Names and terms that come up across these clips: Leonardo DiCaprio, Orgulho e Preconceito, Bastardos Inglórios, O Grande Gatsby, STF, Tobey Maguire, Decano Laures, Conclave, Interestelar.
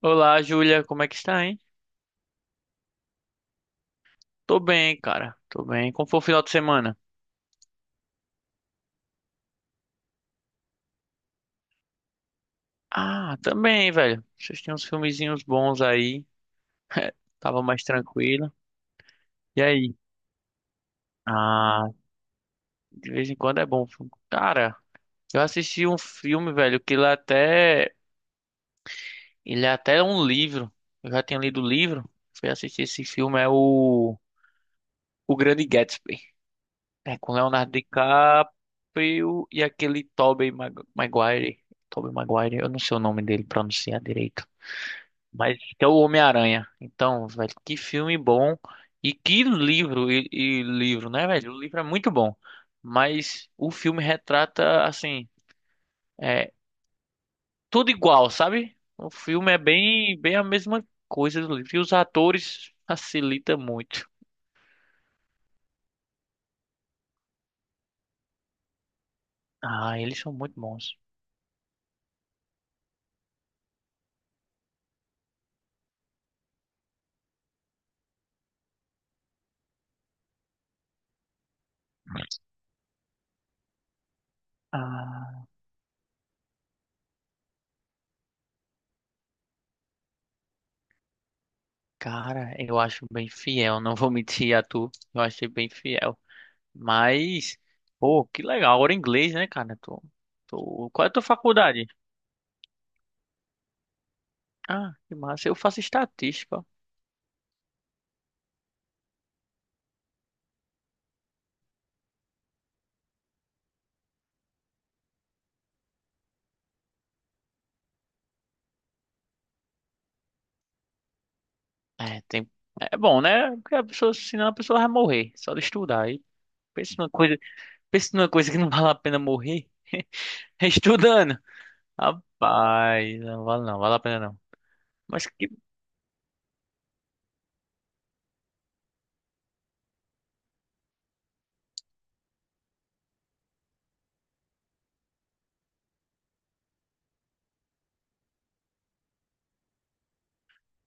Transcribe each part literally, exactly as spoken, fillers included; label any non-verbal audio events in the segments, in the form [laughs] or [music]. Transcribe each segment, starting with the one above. Olá, Júlia, como é que está, hein? Tô bem, cara. Tô bem. Como foi o final de semana? Ah, também, velho. Vocês tinham uns filmezinhos bons aí. [laughs] Tava mais tranquilo. E aí? Ah, de vez em quando é bom. Filme. Cara, eu assisti um filme, velho, que ele até. Ele é até um livro. Eu já tinha lido o livro. Fui assistir esse filme, é o. O Grande Gatsby. É com Leonardo DiCaprio e aquele Tobey Mag- Maguire. Tobey Maguire, eu não sei o nome dele pronunciar direito. Mas que é o Homem-Aranha. Então, velho, que filme bom. E que livro, e, e livro, né, velho? O livro é muito bom. Mas o filme retrata, assim, é tudo igual, sabe? O filme é bem, bem a mesma coisa do livro. E os atores facilita muito. Ah, eles são muito bons. Ah, cara, eu acho bem fiel. Não vou mentir a tu. Eu achei bem fiel. Mas, pô, que legal. Agora em inglês, né, cara? Tô, tô... Qual é a tua faculdade? Ah, que massa. Eu faço estatística. É, tem... É bom, né? Porque a pessoa, senão a pessoa vai morrer, só de estudar. Aí pensa numa coisa, pensa numa coisa que não vale a pena morrer. [laughs] Estudando. Rapaz, não vale não, vale a pena não. Mas que.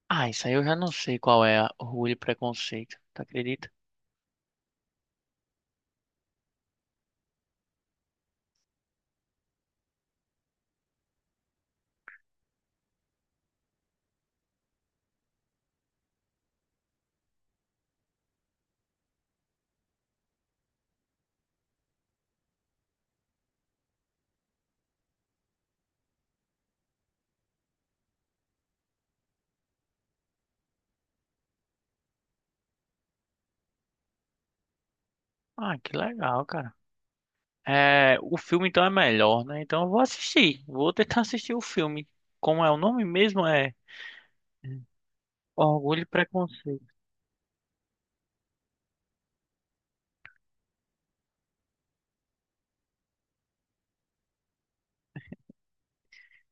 Ah, isso aí eu já não sei qual é a- o orgulho e preconceito. Tu acredita? Ah, que legal, cara. É, o filme então é melhor, né? Então eu vou assistir. Vou tentar assistir o filme. Como é o nome mesmo? É Orgulho e Preconceito.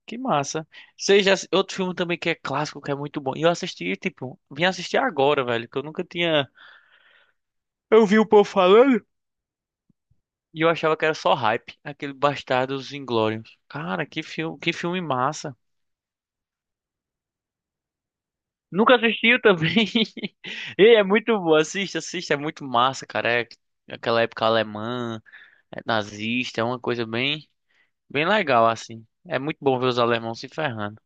Que massa. Seja outro filme também que é clássico, que é muito bom. E eu assisti, tipo, vim assistir agora, velho, que eu nunca tinha. Eu vi o povo falando e eu achava que era só hype, aquele Bastardos Inglórios. Cara, que filme, que filme massa. Nunca assistiu também. [laughs] E é muito bom, assista, assista, é muito massa, cara. É aquela época alemã, é nazista, é uma coisa bem, bem legal assim. É muito bom ver os alemãos se ferrando.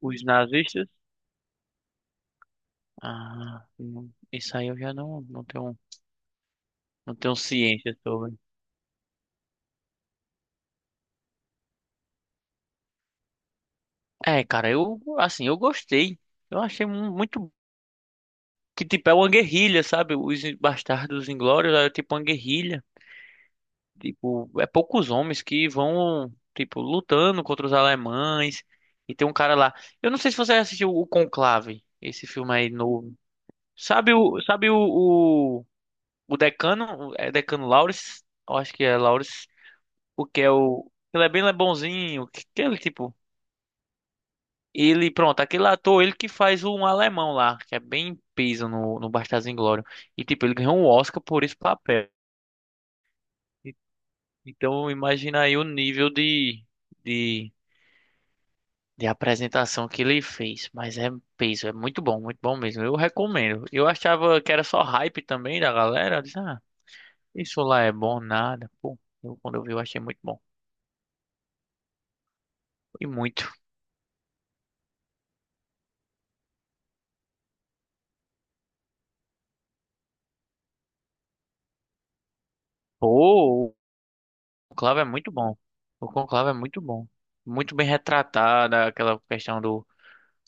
Os nazistas? Ah, não. Isso aí eu já não, não tenho. Não tenho ciência sobre. É, cara, eu, assim, eu gostei. Eu achei mu- muito. Que tipo, é uma guerrilha, sabe? Os Bastardos Inglórios é tipo uma guerrilha. Tipo, é poucos homens que vão, tipo, lutando contra os alemães. E tem um cara lá. Eu não sei se você assistiu o Conclave, esse filme aí novo. Sabe o, sabe o, o, o Decano? É Decano Laures? Eu acho que é Laures. O que é o. Ele é bem bonzinho. Que, que ele, tipo. Ele, pronto, aquele ator, ele que faz um alemão lá, que é bem peso no, no Bastardos Inglórios. E, tipo, ele ganhou um Oscar por esse papel. E- Então, imagina aí o nível de, de, de apresentação que ele fez. Mas é peso, é muito bom, muito bom mesmo. Eu recomendo. Eu achava que era só hype também da galera. Eu disse, ah, isso lá é bom, nada. Pô, eu, quando eu vi, eu achei muito bom. E muito. Pô, o Conclave é muito bom. O Conclave é muito bom. Muito bem retratada aquela questão do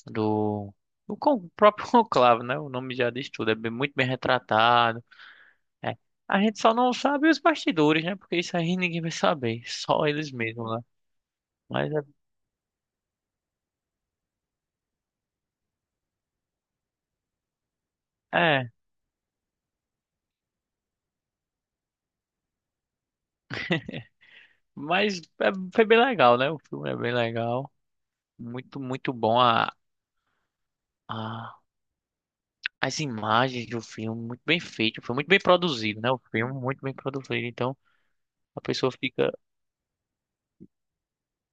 do, do con- próprio [laughs] conclave, né? O nome já diz tudo, é bem- muito bem retratado. É. A gente só não sabe os bastidores, né? Porque isso aí ninguém vai saber, só eles mesmos, né? Mas é, é, mas é, foi bem legal, né? O filme é bem legal, muito, muito bom a, a- as imagens do filme, muito bem feito, foi muito bem produzido, né? O filme muito bem produzido, então a pessoa fica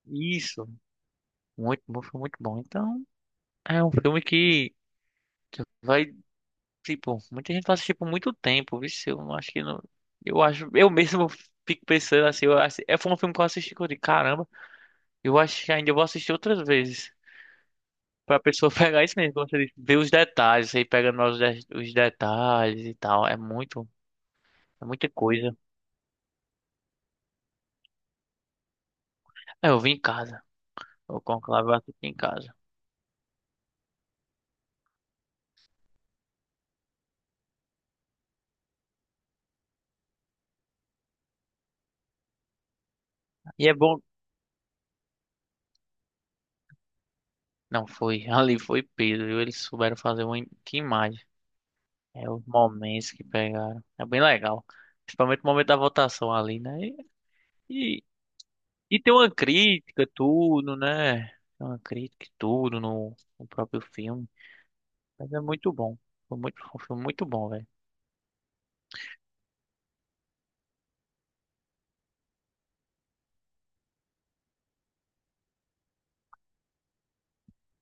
isso, muito, bom, foi muito bom. Então é um filme que Vai Tipo, muita gente faz isso, tipo muito tempo, viu? Eu não acho que não. Eu acho, eu mesmo [laughs] fico pensando assim, eu acho, é foi um filme que eu assisti que eu digo, caramba, eu acho que ainda vou assistir outras vezes. Pra pessoa [laughs] pegar isso mesmo, como você disse, ver os detalhes, aí pegando os, de- os detalhes e tal. É muito, é muita coisa. É, eu vi em casa. O Conclave eu assisti em casa. E é bom. Não, foi. [laughs] Ali foi Pedro, viu? Eles souberam fazer uma im- que imagem. É os momentos que pegaram. É bem legal. Principalmente o momento da votação ali, né? E, E tem uma crítica, tudo, né? Tem Uma crítica, e tudo no, no próprio filme. Mas é muito bom. Foi muito, foi um filme muito bom, velho.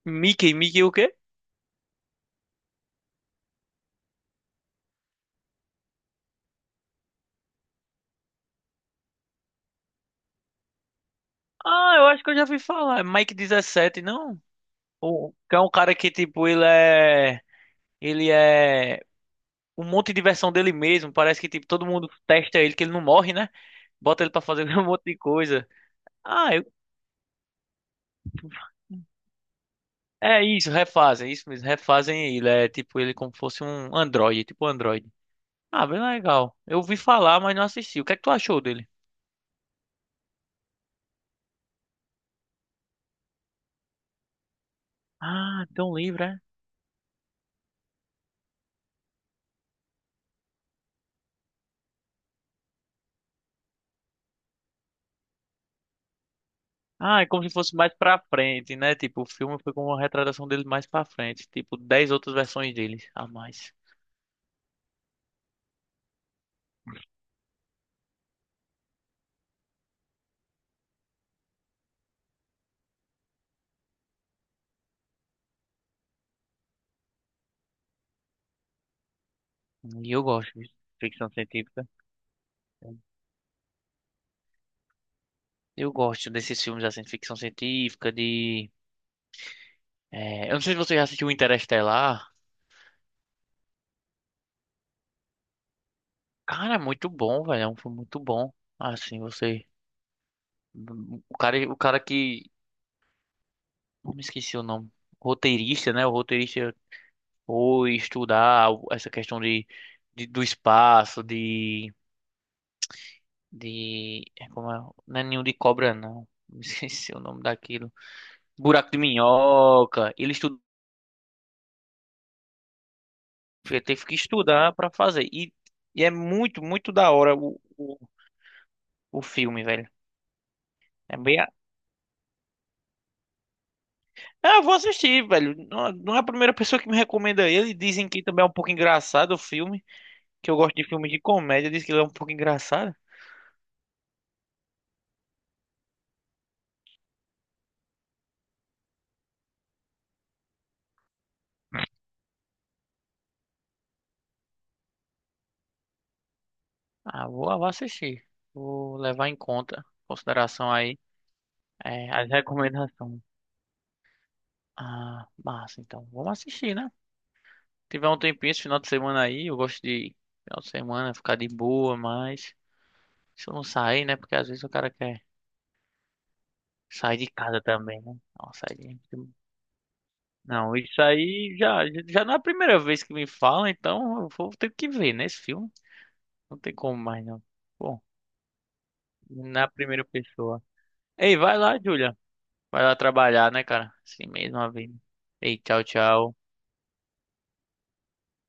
Mickey, Mickey o quê? Ah, eu acho que eu já vi falar. É Mike dezessete, não? O, que é um cara que, tipo, ele é. Ele é. Um monte de versão dele mesmo. Parece que, tipo, todo mundo testa ele, que ele não morre, né? Bota ele pra fazer [laughs] um monte de coisa. Ah, eu. É isso, refazem, isso mesmo, refazem ele, é tipo ele como fosse um android tipo android. Ah, bem legal. Eu ouvi falar, mas não assisti. O que é que tu achou dele? Ah, tão livre, é? Ah, é como se fosse mais pra frente, né? Tipo, o filme foi com uma retratação dele mais pra frente. Tipo, dez outras versões dele a mais. E eu gosto de ficção científica. Eu gosto desses filmes assim, de ficção científica, de. é, Eu não sei se você já assistiu Interestelar. Cara, é muito bom, velho. É um filme muito bom. Assim, você. O cara, o cara que. Eu me esqueci o nome. Roteirista, né? O roteirista ou estudar essa questão de, de- do espaço, de, de é como é? Não é ninho de cobra, não. Me [laughs] esqueci o nome daquilo. Buraco de minhoca. Ele estu- teve que estudar para fazer. E, e é muito, muito da hora o, o, o filme, velho. É bem. A- Ah, eu vou assistir, velho. Não, não é a primeira pessoa que me recomenda ele. Dizem que também é um pouco engraçado o filme. Que eu gosto de filmes de comédia. Diz que ele é um pouco engraçado. Ah, vou, vou assistir. Vou levar em conta, em consideração aí, é, as recomendações. Ah, massa, então. Vamos assistir, né? Tiver um tempinho esse final de semana aí, eu gosto de final de semana ficar de boa, mas se eu não sair, né? Porque às vezes o cara quer sair de casa também, né? Não, sair de... Não, isso aí já, já não é a primeira vez que me falam, então eu vou ter que ver, né? Esse filme. Não tem como mais, não. Bom, na primeira pessoa. Ei, vai lá, Julia. Vai lá trabalhar, né, cara? Assim mesmo, a vida. Ei, tchau, tchau.